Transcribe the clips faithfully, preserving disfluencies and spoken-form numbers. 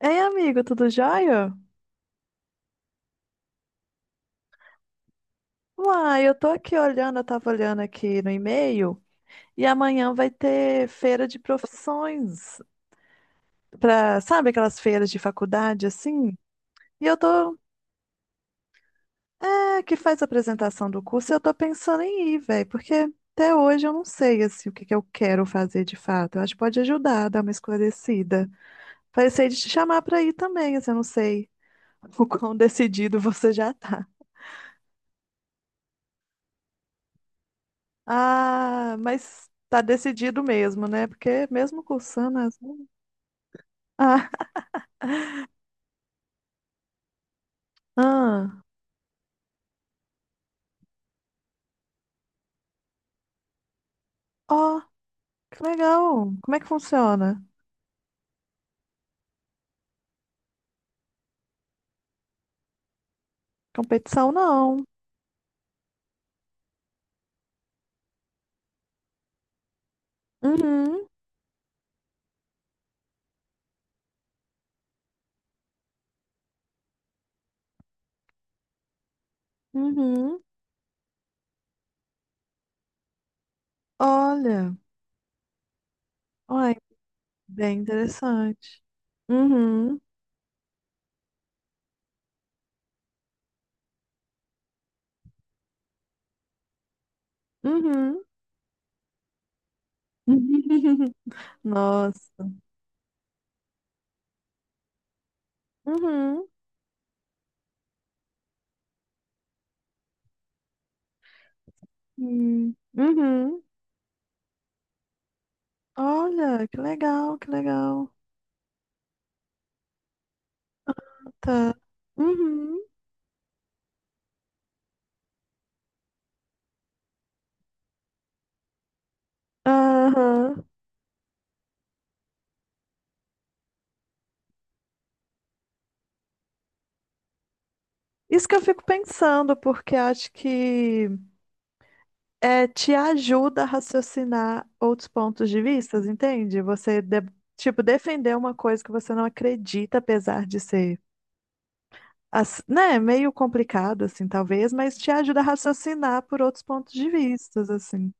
Ei, amigo, tudo jóia? Uai, eu tô aqui olhando, eu tava olhando aqui no e-mail, e amanhã vai ter feira de profissões, pra, sabe aquelas feiras de faculdade assim? E eu tô, é, que faz a apresentação do curso, e eu tô pensando em ir, velho, porque até hoje eu não sei, assim, o que que eu quero fazer de fato. Eu acho que pode ajudar, dar uma esclarecida. Pensei de te chamar pra ir também, assim, eu não sei o quão decidido você já tá. Ah, mas tá decidido mesmo, né? Porque mesmo cursando as... Ah, ah. Ó, que legal. Como é que funciona? Competição não. Uhum, uhum. Olha, olha, bem interessante. Uhum, uhum. Nossa. Uhum, hum, uhum. Olha, que legal, que legal. Tá. Uhum. Aham. Isso que eu fico pensando, porque acho que é, te ajuda a raciocinar outros pontos de vista, entende? Você, de- tipo, defender uma coisa que você não acredita, apesar de ser, ass- né, meio complicado, assim, talvez, mas te ajuda a raciocinar por outros pontos de vista, assim.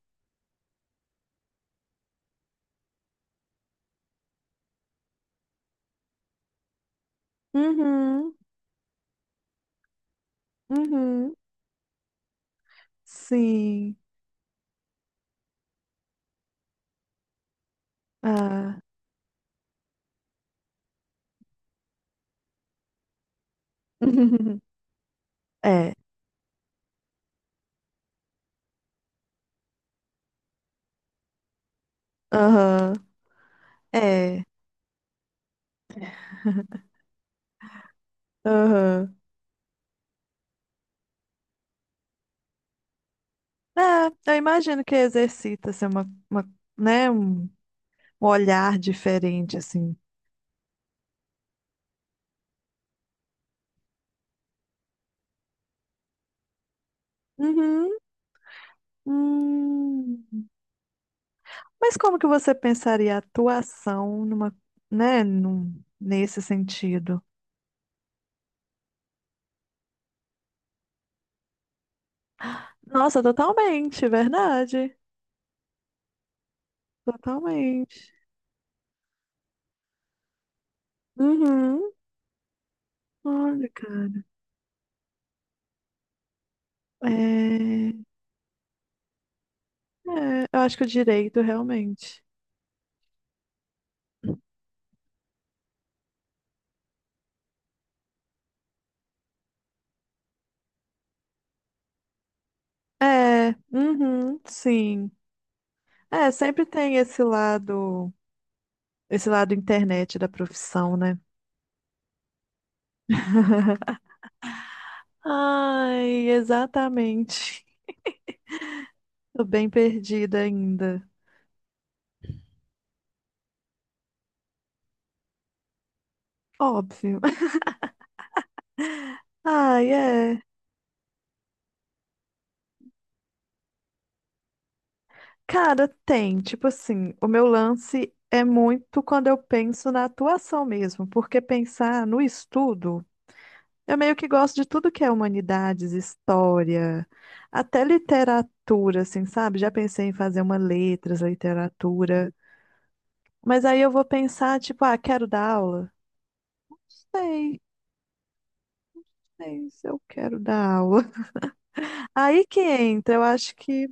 Uhum, uhum, sim. Ah. É, aham, é, aham. É, eu imagino que exercita, assim, uma, uma, né, um um olhar diferente, assim. Uhum. Hum, mas como que você pensaria a atuação numa, né, num- nesse sentido? Nossa, totalmente, verdade. Totalmente. Uhum. Olha, cara. É, é, eu acho que o direito, realmente. É, uhum, sim. É, sempre tem esse lado, esse lado internet da profissão, né? Ai, exatamente. Tô bem perdida ainda. Óbvio. Ai, é. Cara, tem, tipo assim, o meu lance é muito quando eu penso na atuação mesmo, porque pensar no estudo, eu meio que gosto de tudo que é humanidades, história, até literatura, assim, sabe? Já pensei em fazer uma letras, literatura, mas aí eu vou pensar, tipo, ah, quero dar aula? Sei, sei se eu quero dar aula. Aí que entra, eu acho que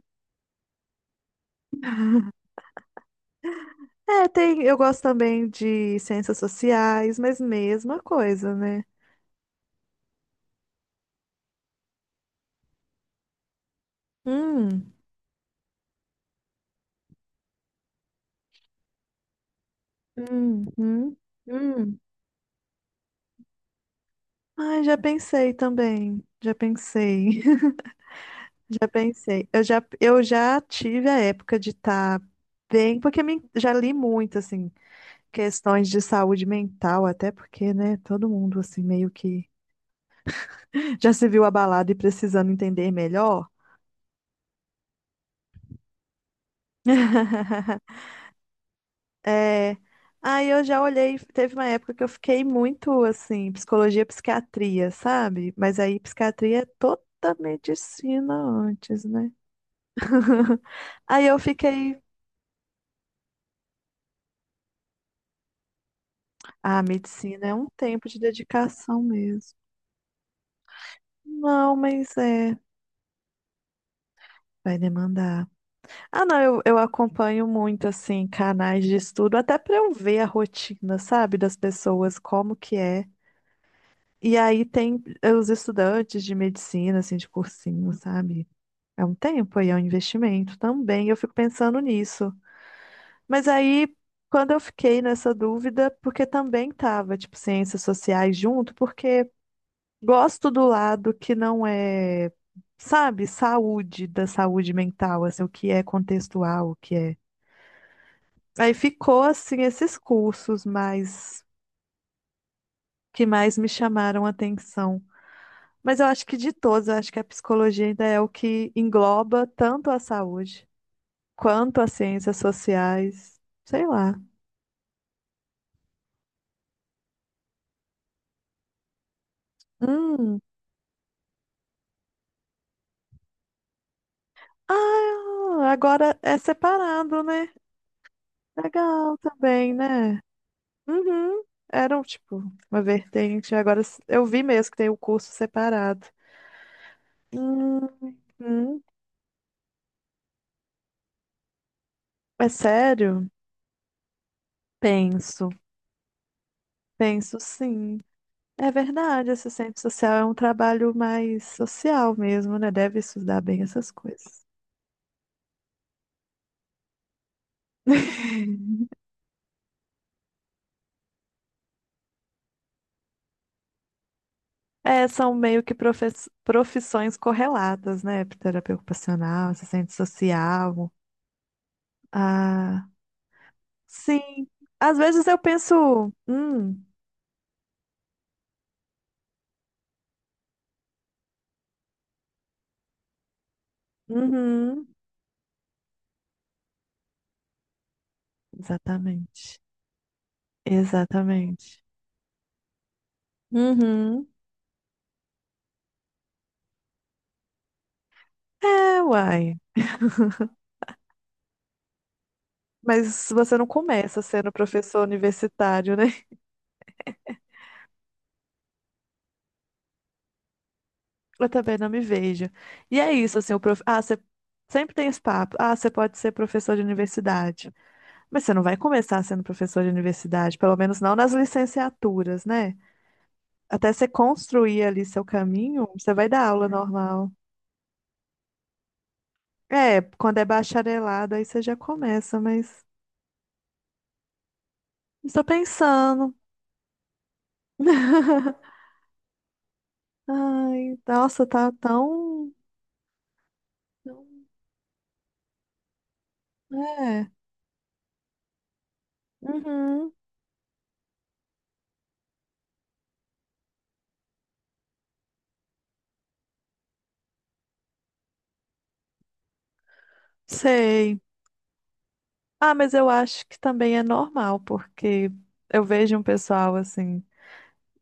é, tem, eu gosto também de ciências sociais, mas mesma coisa, né? Hum, uhum, hum. Ai, já pensei também. Já pensei. Já pensei. Eu já, eu já tive a época de estar bem, porque me, já li muito, assim, questões de saúde mental, até porque, né, todo mundo, assim, meio que já se viu abalado e precisando entender melhor. É, aí eu já olhei, teve uma época que eu fiquei muito assim, psicologia, psiquiatria, sabe? Mas aí psiquiatria é toda medicina antes, né? Aí eu fiquei, ah, medicina é um tempo de dedicação mesmo. Não, mas é, vai demandar. Ah, não, eu, eu acompanho muito assim canais de estudo, até para eu ver a rotina, sabe, das pessoas, como que é. E aí tem eh, os estudantes de medicina, assim, de cursinho, sabe? É um tempo aí, é um investimento também. Eu fico pensando nisso. Mas aí, quando eu fiquei nessa dúvida, porque também tava, tipo, ciências sociais junto, porque gosto do lado que não é, sabe, saúde, da saúde mental, assim, o que é contextual, o que é. Aí ficou, assim, esses cursos mais, que mais me chamaram a atenção. Mas eu acho que de todos, eu acho que a psicologia ainda é o que engloba tanto a saúde quanto às ciências sociais, sei lá. Hum. Ah, agora é separado, né? Legal também, né? Uhum. Era um, tipo uma vertente. Agora s- eu vi mesmo que tem o curso separado. Uhum. É sério? Penso. Penso sim. É verdade, assistente social é um trabalho mais social mesmo, né? Deve estudar bem essas coisas. É, são meio que profes- profissões correlatas, né? Terapia ocupacional, assistente social. Ah, sim. Às vezes eu penso, hum, uhum, exatamente, exatamente. Uhum. É, uai. Mas você não começa sendo professor universitário, né? Eu também não me vejo. E é isso, assim, o prof... Ah, você sempre tem esse papo. Ah, você pode ser professor de universidade. Mas você não vai começar sendo professor de universidade, pelo menos não nas licenciaturas, né? Até você construir ali seu caminho, você vai dar aula normal. É, quando é bacharelado, aí você já começa, mas estou pensando. Ai, nossa, tá tão, tão- é. Uhum, sei. Ah, mas eu acho que também é normal, porque eu vejo um pessoal assim,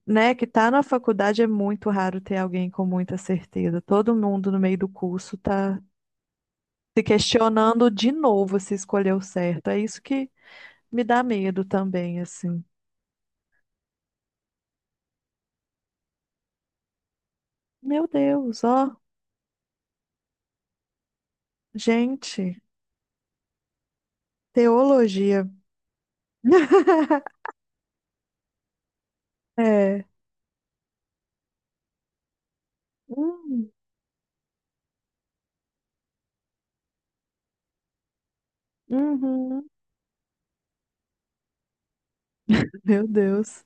né, que tá na faculdade é muito raro ter alguém com muita certeza. Todo mundo no meio do curso tá se questionando de novo se escolheu certo. É isso que me dá medo também, assim. Meu Deus, ó, gente, teologia. É. Hum, uhum. Meu Deus.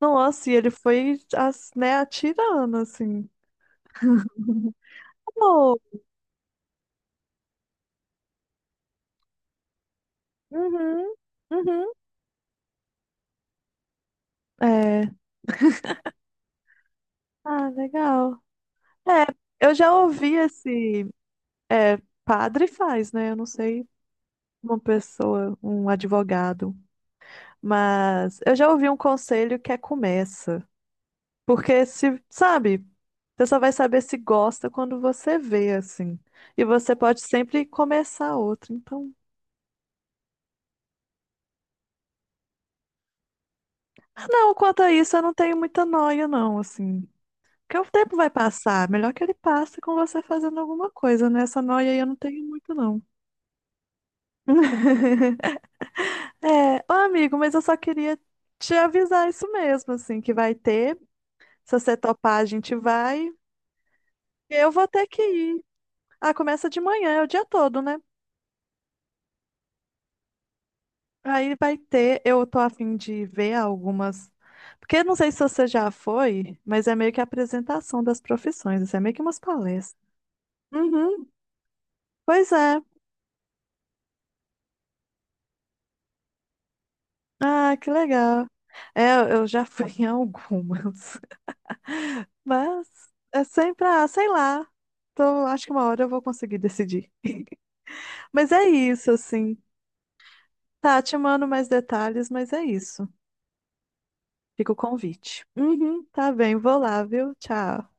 Nossa, e ele foi, as- né, atirando, assim. Amor. Uhum, uhum. É. Ah, legal. É, eu já ouvi esse. É, padre faz, né? Eu não sei uma pessoa, um advogado. Mas eu já ouvi um conselho que é começa. Porque se, sabe, você só vai saber se gosta quando você vê, assim. E você pode sempre começar outro. Então, não, quanto a isso, eu não tenho muita noia, não, assim. Porque o tempo vai passar. Melhor que ele passe com você fazendo alguma coisa, né? Essa noia aí eu não tenho muito, não. É, ô amigo, mas eu só queria te avisar isso mesmo, assim, que vai ter. Se você topar, a gente vai. Eu vou ter que ir. Ah, começa de manhã, é o dia todo, né? Aí vai ter, eu tô a fim de ver algumas. Porque não sei se você já foi, mas é meio que a apresentação das profissões, isso é meio que umas palestras. Uhum. Pois é. Ah, que legal. É, eu já fui em algumas. Mas é sempre, ah, sei lá. Então, acho que uma hora eu vou conseguir decidir. Mas é isso, assim. Tá, te mando mais detalhes, mas é isso. Fica o convite. Uhum, tá bem, vou lá, viu? Tchau.